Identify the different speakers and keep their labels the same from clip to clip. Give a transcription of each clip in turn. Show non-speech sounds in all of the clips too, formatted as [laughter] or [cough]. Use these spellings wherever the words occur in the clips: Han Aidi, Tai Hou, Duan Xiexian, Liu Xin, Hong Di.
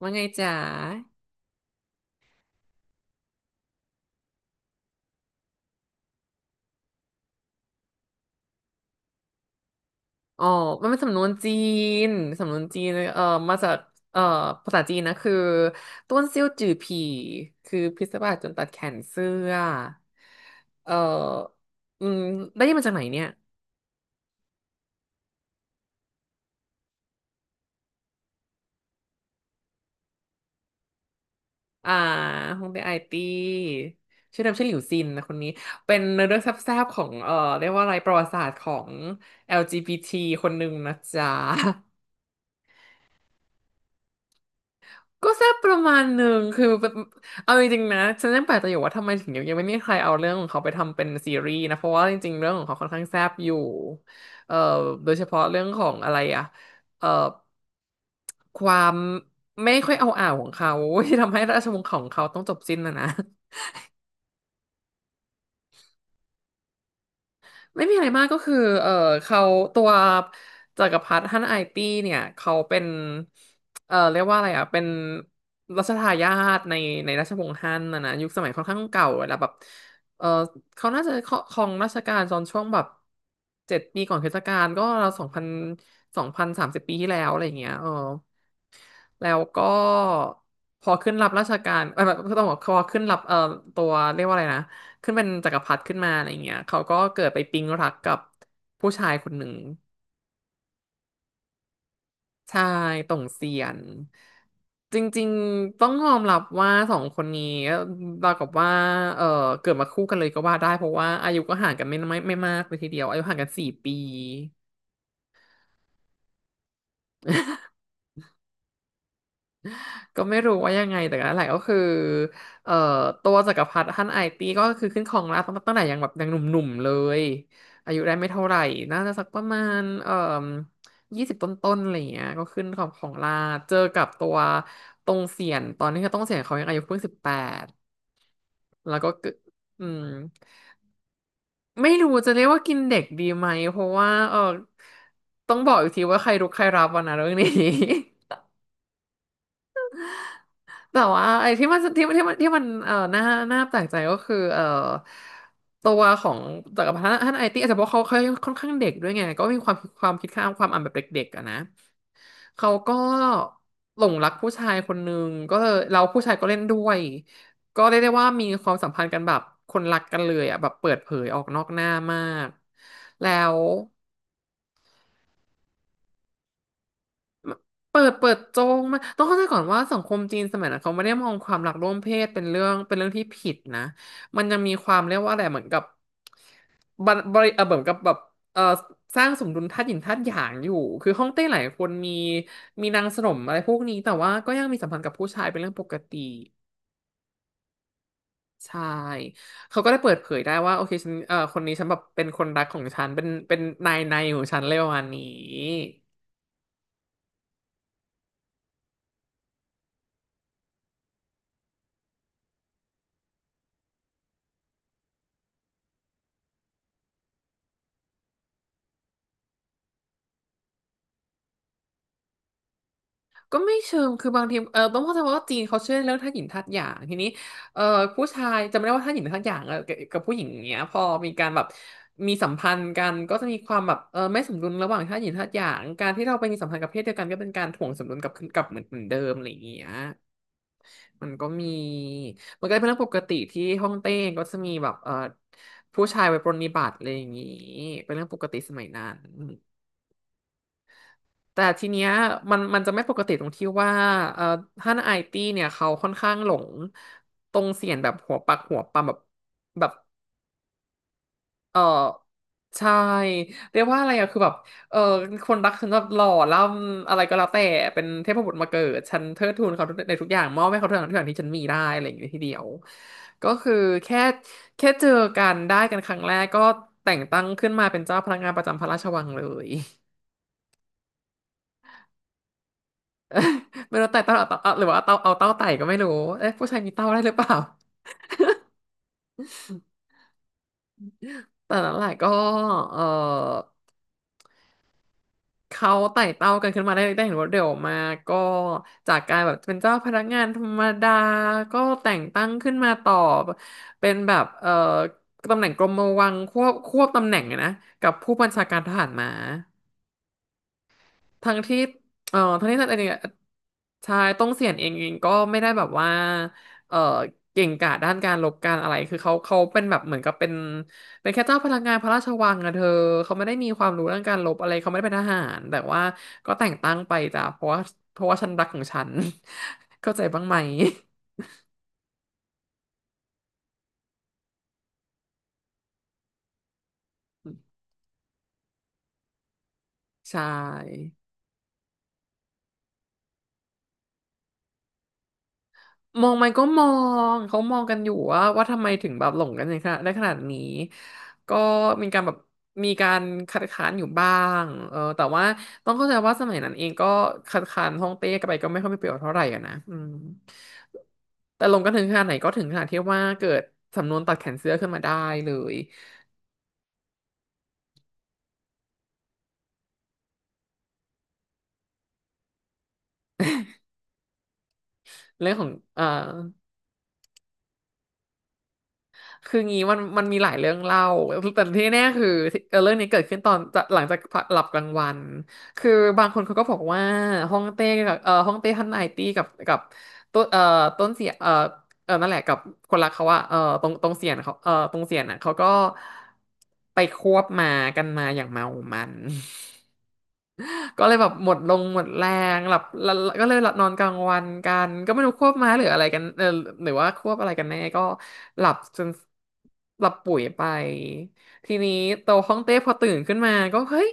Speaker 1: ว่าไงจ๋าอ๋อมันเป็นสำนวนจีน สำนวนจีนเอ่อมาจากเอ่อภาษาจีนนะคือต้วนเซี่ยวจื่อผีคือพิศวาสจนตัดแขนเสื้อ เอ่ออืม ได้ยินมาจากไหนเนี่ย อ่าฮงเดไอตี้ชื่อเดิมชื่อหลิวซินนะคนนี้ เป็นเนื้อเรื่องแซ่บๆของเรียกว่าอะไรประวัติศาสตร์ของ LGBT คนหนึ่งนะจ๊ะ ก็แซ่บประมาณหนึ่งคือแบบเอาจริงๆนะฉันยังแปลกใจอยู่ว่าทำไมถึงยังไม่มีใครเอาเรื่องของเขาไปทำเป็นซีรีส์นะเพราะว่าจริงๆเรื่องของเขาค่อนข้างแซ่บอยู่เอ่อโดยเฉพาะเรื่องของอะไรอะเอ่อความไม่ค่อยเอาอ่าวของเขา [laughs] ที่ทำให้ราชวงศ์ของเขาต้องจบสิ้นนะนะ ไม่มีอะไรมากก็คือเออเขาตัวจักรพรรดิฮั่นไอตี้เนี่ยเขาเป็นเออเรียกว่าอะไรอ่ะเป็นรัชทายาทในราชวงศ์ฮั่นนะนะยุคสมัยค่อนข้างเก่าแล้วแบบเออเขาน่าจะครองราชการตอนช่วงแบบ7 ปีก่อนคริสตกาลก็ราวสองพันสามสิบปีที่แล้วอะไรอย่างเงี้ยเออ แล้วก็พอขึ้นรับราชการเอ้ยไม่ต้องบอกพอขึ้นรับตัวเรียกว่าอะไรนะขึ้นเป็นจักรพรรดิขึ้นมาอะไรเงี้ยเขาก็เกิดไปปิ๊งรักกับผู้ชายคนหนึ่งใชายต่งเซียนจริงๆต้องยอมรับว่าสองคนนี้เราวกับว่าเออเกิดมาคู่กันเลยก็ว่าได้เพราะว่าอายุก็ห่างกันไม่มากเลยทีเดียวอายุห่างกัน4 ปี ก็ไม่รู้ว่ายังไงแต่นั่นแหละก็คือเอ่อตัวจักรพรรดิฮั่นไอตี้ก็คือขึ้นครองราชย์ตั้งแต่ยังแบบยังหนุ่มๆเลยอายุได้ไม่เท่าไหร่น่าจะสักประมาณ20 ต้นๆอะไรอย่างเงี้ยก็ขึ้นของราชย์เจอกับตัวตรงเสียนตอนนี้ก็ต้องเสียนเขายังอายุเพิ่ง18แล้วก็เกิดอืมไม่รู้จะเรียกว่ากินเด็กดีไหมเพราะว่าเออต้องบอกอีกทีว่าใครรุกใครรับวันนะเรื่องนี้ แต่ว่าไอ้ที่มันน่าแปลกใจก็คือตัวของจักรพันธ์ท่านไอตี้อาจจะเพราะเขาค่อนข้างเด็กด้วยไงก็มีความคิดข้ามความอ่านแบบเด็กๆอะนะเขาก็หลงรักผู้ชายคนหนึ่งก็เลยเราผู้ชายก็เล่นด้วยก็เรียกได้ว่ามีความสัมพันธ์กันแบบคนรักกันเลยอะแบบเปิดเผยออกนอกหน้ามากแล้ว เปิดโจงมากต้องเข้าใจก่อนว่าสังคมจีนสมัยนั้นเขาไม่ได้มองความหลากร่วมเพศเป็นเรื่องที่ผิดนะมันยังมีความเรียกว่าอะไรเหมือนกับบันบริเออเหมือนกับแบบเออสร้างสมดุลธาตุหยินธาตุหยางอยู่คือฮ่องเต้หลายคนมีนางสนมอะไรพวกนี้แต่ว่าก็ยังมีสัมพันธ์กับผู้ชายเป็นเรื่องปกติใช่เขาก็ได้เปิดเผยได้ว่าโอเคฉันเออคนนี้ฉันแบบเป็นคนรักของฉันเป็นนายในของฉันเลยประมาณนี้ ก็ไม่เชิงคือบางทีเออต้องเข้าใจว่าจีนเขาเชื่อเรื่องธาตุหยินธาตุหยางทีนี้เออผู้ชายจำไม่ได้ว่าธาตุหยินธาตุหยางเออกับผู้หญิงอย่างเงี้ยพอมีการแบบมีสัมพันธ์กัน ก็จะมีความแบบเออไม่สมดุลระหว่างธาตุหยินธาตุหยางการที่เราไปมีสัมพันธ์กับเพศเดียวกันก็เป็นการถ่วงสมดุลกลับคืนกลับเหมือนเดิมอะไรอย่างเงี้ยมันก็มี มันก็เป็นเรื่องปกติที่ฮ่องเต้ก็จะมีแบบเออผู้ชายไว้ปรนนิบัติอะไรอย่างงี้เป็นเรื่องปกติสมัยนั้น แต่ทีเนี้ยมันจะไม่ปกติตรงที่ว่าเอ่อท่านไอตี้เนี่ยเขาค่อนข้างหลงตรงเสียนแบบหัวปักหัวปำแบบเออใช่เรียกว่าอะไรอะคือแบบเออคนรักฉันแบบหล่อล่ำอะไรก็แล้วแต่เป็นเทพบุตรมาเกิดฉันเทิดทูนเขาในทุกอย่างมอบให้เขาทุกอย่างทุกอย่างที่ฉันมีได้อะไรอย่างเงี้ยทีเดียวก็คือแค่แค่เจอกันได้กันครั้งแรกก็แต่งตั้งขึ้นมาเป็นเจ้าพนักงานประจำพระราชวังเลย ไม่รู้ไต่เต้าหรือาเต้าเอาหรือว่าเอาเต้าเอาเต้าไต่ก็ไม่รู้เอ๊ะผู้ชายมีเต้าได้หรือเปล่า [laughs] แต่นั้นแหละก็เออเขาไต่เต้ากันขึ้นมาได้เห็นว่าเดี๋ยวมาก็จากการแบบเป็นเจ้าพนักงานธรรมดาก็แต่งตั้งขึ้นมาต่อเป็นแบบตำแหน่งกรมวังควบตำแหน่งอะนะกับผู้บัญชาการทหารม้า ทั้งที่ทั้งที่ท่านเองเนี่ยชายต้องเสียนเองก็ไม่ได้แบบว่าเอ่อเก่งกาจด้านการลบการอะไรคือเขาเป็นแบบเหมือนกับเป็นแค่เจ้าพลังงานพระราชวังอะเธอเขาไม่ได้มีความรู้เรื่องการลบอะไรเขาไม่ได้เป็นทหารแต่ว่าก็แต่งตั้งไปจ้ะเพราะว่าฉันรักของฉัน [laughs] เข้าใจบ้างไหมใช่ มองไหมก็มองเขามองกันอยู่ว่าทำไมถึงแบบหลงกันในขนาดได้ขนาดนี้ก็มีการแบบมีการคัดค้านอยู่บ้างเออแต่ว่าต้องเข้าใจว่าสมัยนั้นเองก็คัดค้านฮ่องเต้กันไปก็ไม่ค่อยมีประโยชน์เท่าไหร่อะนะอืมแต่ลงกันถึงขนาดไหนก็ถึงขนาดที่ว่าเกิดสำนวนตัดแขนเสื้อขึ้นมาได้เลยเรื่องของเอ่อ คืองี้มันมีหลายเรื่องเล่าแต่ที่แน่คือเรื่องนี้เกิดขึ้นตอนจะหลังจากหลับกลางวัน คือบางคนเขาก็บอกว่าฮ่องเต้กับฮ่องเต้ท่านนายตี้กับต้นต้นเสียเออนั่นแหละกับคนรักเขาอะเออตรงเสียนเขาเออตรงเสียนอะเขาก็ไปควบมากันมาอย่างเมามัน ก็เลยแบบหมดลงหมดแรงหลับล้ก็เลยหลับนอนกลางวันกันก็ไม่รู้ควบม้าหรืออะไรกันเออหรือว่าควบอะไรกันแน่ก็หลับจนหลับปุ๋ยไปทีนี้โตห้องเต้พอตื่นขึ้นมาก็เฮ้ย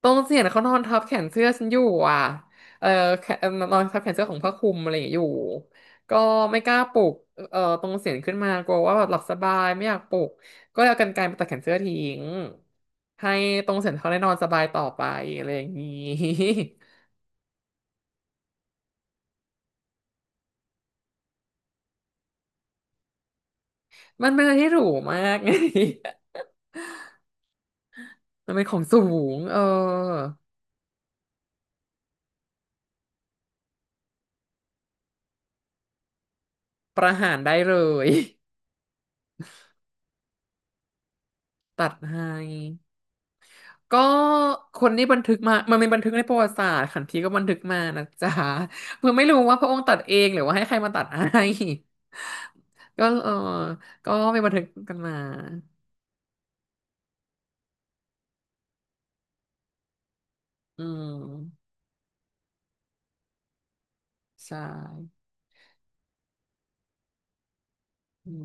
Speaker 1: ตรงเสียนเขานอนทับแขนเสื้อฉันอยู่อ่ะเออแขนนอนทับแขนเสื้อของผ้าคลุมอะไรอย่างเงี้ยอยู่ก็ไม่กล้าปลุกเออตรงเสียงขึ้นมากลัวว่าแบบหลับสบายไม่อยากปลุก ก็เอากรรไกรมาตัดแขนเสื้อทิ้งให้ตรงเซ็นทรัลได้นอนสบายต่อไปอะไรอย่างนี้ [laughs] มันเป็นอะไรที่หรูมากไง [laughs] มันเป็นของสูงประหารได้เลย [laughs] ตัดให้ก็คนนี้บันทึกมามันเป็นบันทึกในประวัติศาสตร์ขันทีก็บันทึกมานะจ๊ะ [laughs] เพื่อไม่รู้ว่าพระองค์ตัดเองหรือว่าให้ใครมาตัดให้ [laughs] ก็เออก็มีบันทึกกันมาอืมใช่อืม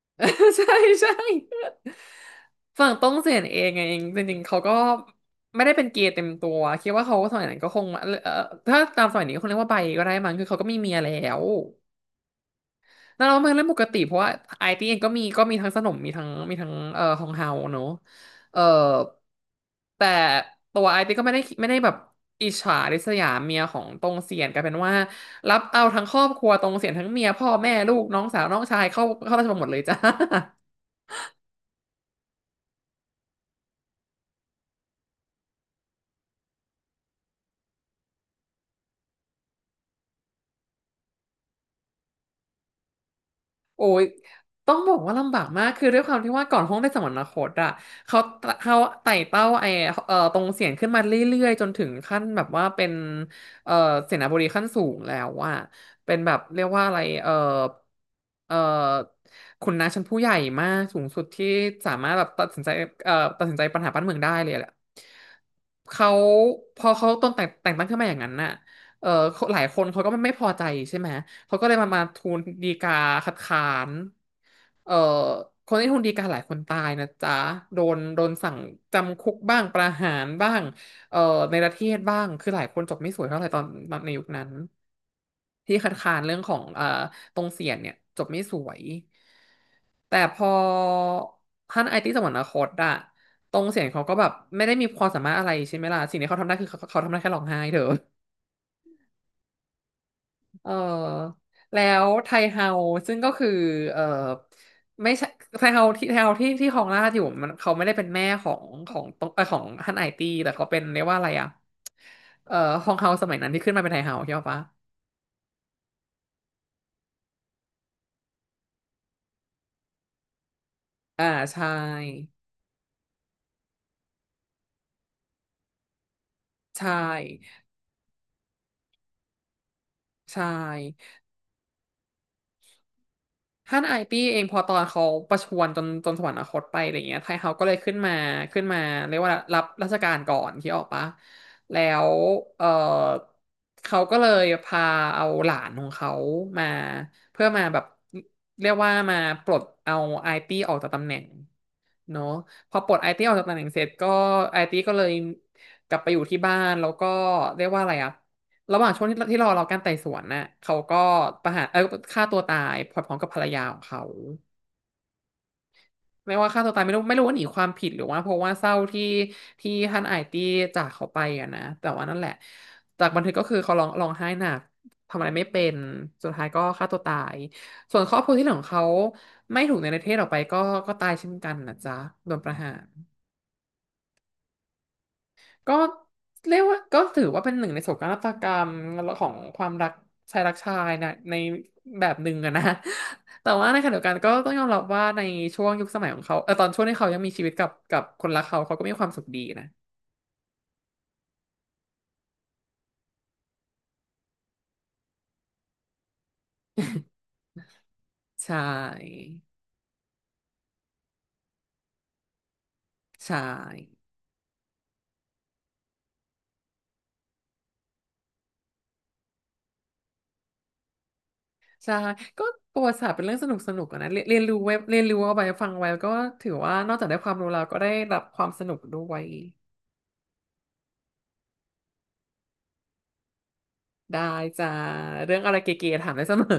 Speaker 1: [laughs] ใช่ใช่ฝั่งต้องเสียนเองไงจริงๆเขาก็ไม่ได้เป็นเกย์เต็มตัวคิดว่าเขาสมัยนั้นก็คงเอ่อถ้าตามสมัยนี้ก็คงเรียกว่าไบก็ได้มั้งคือเขาก็มีเมียแล้วนั่นเราเปนเรื่องปกติเพราะว่าไอตีเองก็มีก็มีทั้งสนมมีทั้งมีทั้งฮองเฮาเนอะเอ่อแต่ตัวไอตีก็ไม่ได้แบบอิจฉาริษยาเมียของตรงเสียนกลายเป็นว่ารับเอาทั้งครอบครัวตรงเสียนทั้งเมียพ่อแม่ลูกน้องสาวน้องชายเข้าราชบัลลังก์หมดเลยจ้า โอ้ย ต้องบอกว่าลำบากมาก คือด้วยความที่ว่าก่อนห้องได้สมรรถคตอะเขาเขาไต่เต้าไอตรงเสียงขึ้นมาเรื่อยๆ จนถึงขั้นแบบว่าเป็นเอ่อเสนาบดีขั้นสูงแล้วอะเป็นแบบเรียกว่าอะไรเอ่อขุนนางชั้นผู้ใหญ่มากสูงสุดที่สามารถแบบตัดสินใจเอ่อตัดสินใจปัญหาบ้านเมืองได้เลยแหละเขาพอเขาต้นแต่งแต่งตั้งขึ้นมาอย่างนั้นน่ะเออหลายคนเขาก็ไม่พอใจใช่ไหม เขาก็เลยมาทูลฎีกาคัดค้านเอ่อคนที่ทูลฎีกาหลายคนตายนะจ๊ะโดนสั่งจำคุกบ้างประหารบ้างเอ่อในประเทศบ้างคือหลายคนจบไม่สวยเท่าไหร่ตอนในยุคนั้น ที่คัดค้านเรื่องของตรงเสียนเนี่ยจบไม่สวย แต่พอท่านไอติสวรรคตอะตรงเสียนเขาก็แบบไม่ได้มีความสามารถอะไรใช่ไหมล่ะสิ่งที่เขาทำได้คือเขาทำได้แค่ร้องไห้เถอะ เออแล้วไทเฮาซึ่งก็คือเออไม่ใช่ไทเฮาที่ไทเฮาที่ครองราชอยู่มันเขาไม่ได้เป็นแม่ของของตรงเออของฮั่นไอตี้แต่เขาเป็นเรียกว่าอะไรอ่ะเออฮองเฮาสมัยนั้นที่ขึ้นมาเป็นไทเฮาใช่ปะอ่าใช่ใช่ใช่ ท่านไอตี้เองพอตอนเขาประชวรจนสวรรคตไปอะไรเงี้ยไทเฮาก็เลยขึ้นมาขึ้นมาเรียกว่ารับราชการก่อนที่ออกปะแล้วเออเขาก็เลยพาเอาหลานของเขามาเพื่อมาแบบเรียกว่ามาปลดเอาไอตี้ออกจากตำแหน่ง เนาะพอปลดไอตีออกจากตำแหน่งเสร็จก็ไอตีก็เลยกลับไปอยู่ที่บ้านแล้วก็เรียกว่าอะไรอะระหว่างช่วงที่รอเราการไต่สวนน่ะเขาก็ประหารฆ่าตัวตายพร้อมกับภรรยาของเขาไม่ว่าฆ่าตัวตายไม่รู้ว่าหนีความผิดหรือว่าเพราะว่าเศร้าที่ท่านไอตีจากเขาไปอะนะแต่ว่านั่นแหละจากบันทึกก็คือเขาร้องร้องไห้หนักทำอะไรไม่เป็นสุดท้ายก็ฆ่าตัวตายส่วนครอบครัวที่เหลือของเขาไม่ถูกในประเทศออกไปก็ก็ตายเช่นกันนะจ๊ะโดนประหาร ก็เรียกว่าก็ถือว่าเป็นหนึ่งในโศกนาฏกรรมของความรักชายรักชายนะในแบบหนึ่งอะนะ [laughs] แต่ว่าในขณะเดียวกันก็ต้องยอมรับว่าในช่วงยุคสมัยของเขาเออตอนช่วงที่เขายังมีชีวิตกับคนรักเขาเขาก็มีความสุขดีนะ [laughs] ใช่ใช่ใช่ก็ประวัติศาสตร์เป็นเรื่องสนุกอะนะเรียนเรียนรู้ไว้เรียนรู้เอาไปฟังไว้ก็ถือว่านอกจากได้ความรู้แล้วก็ได้รับความสนุกด้วยได้จ้าเรื่องอะไรเก๋ๆถามได้เสมอ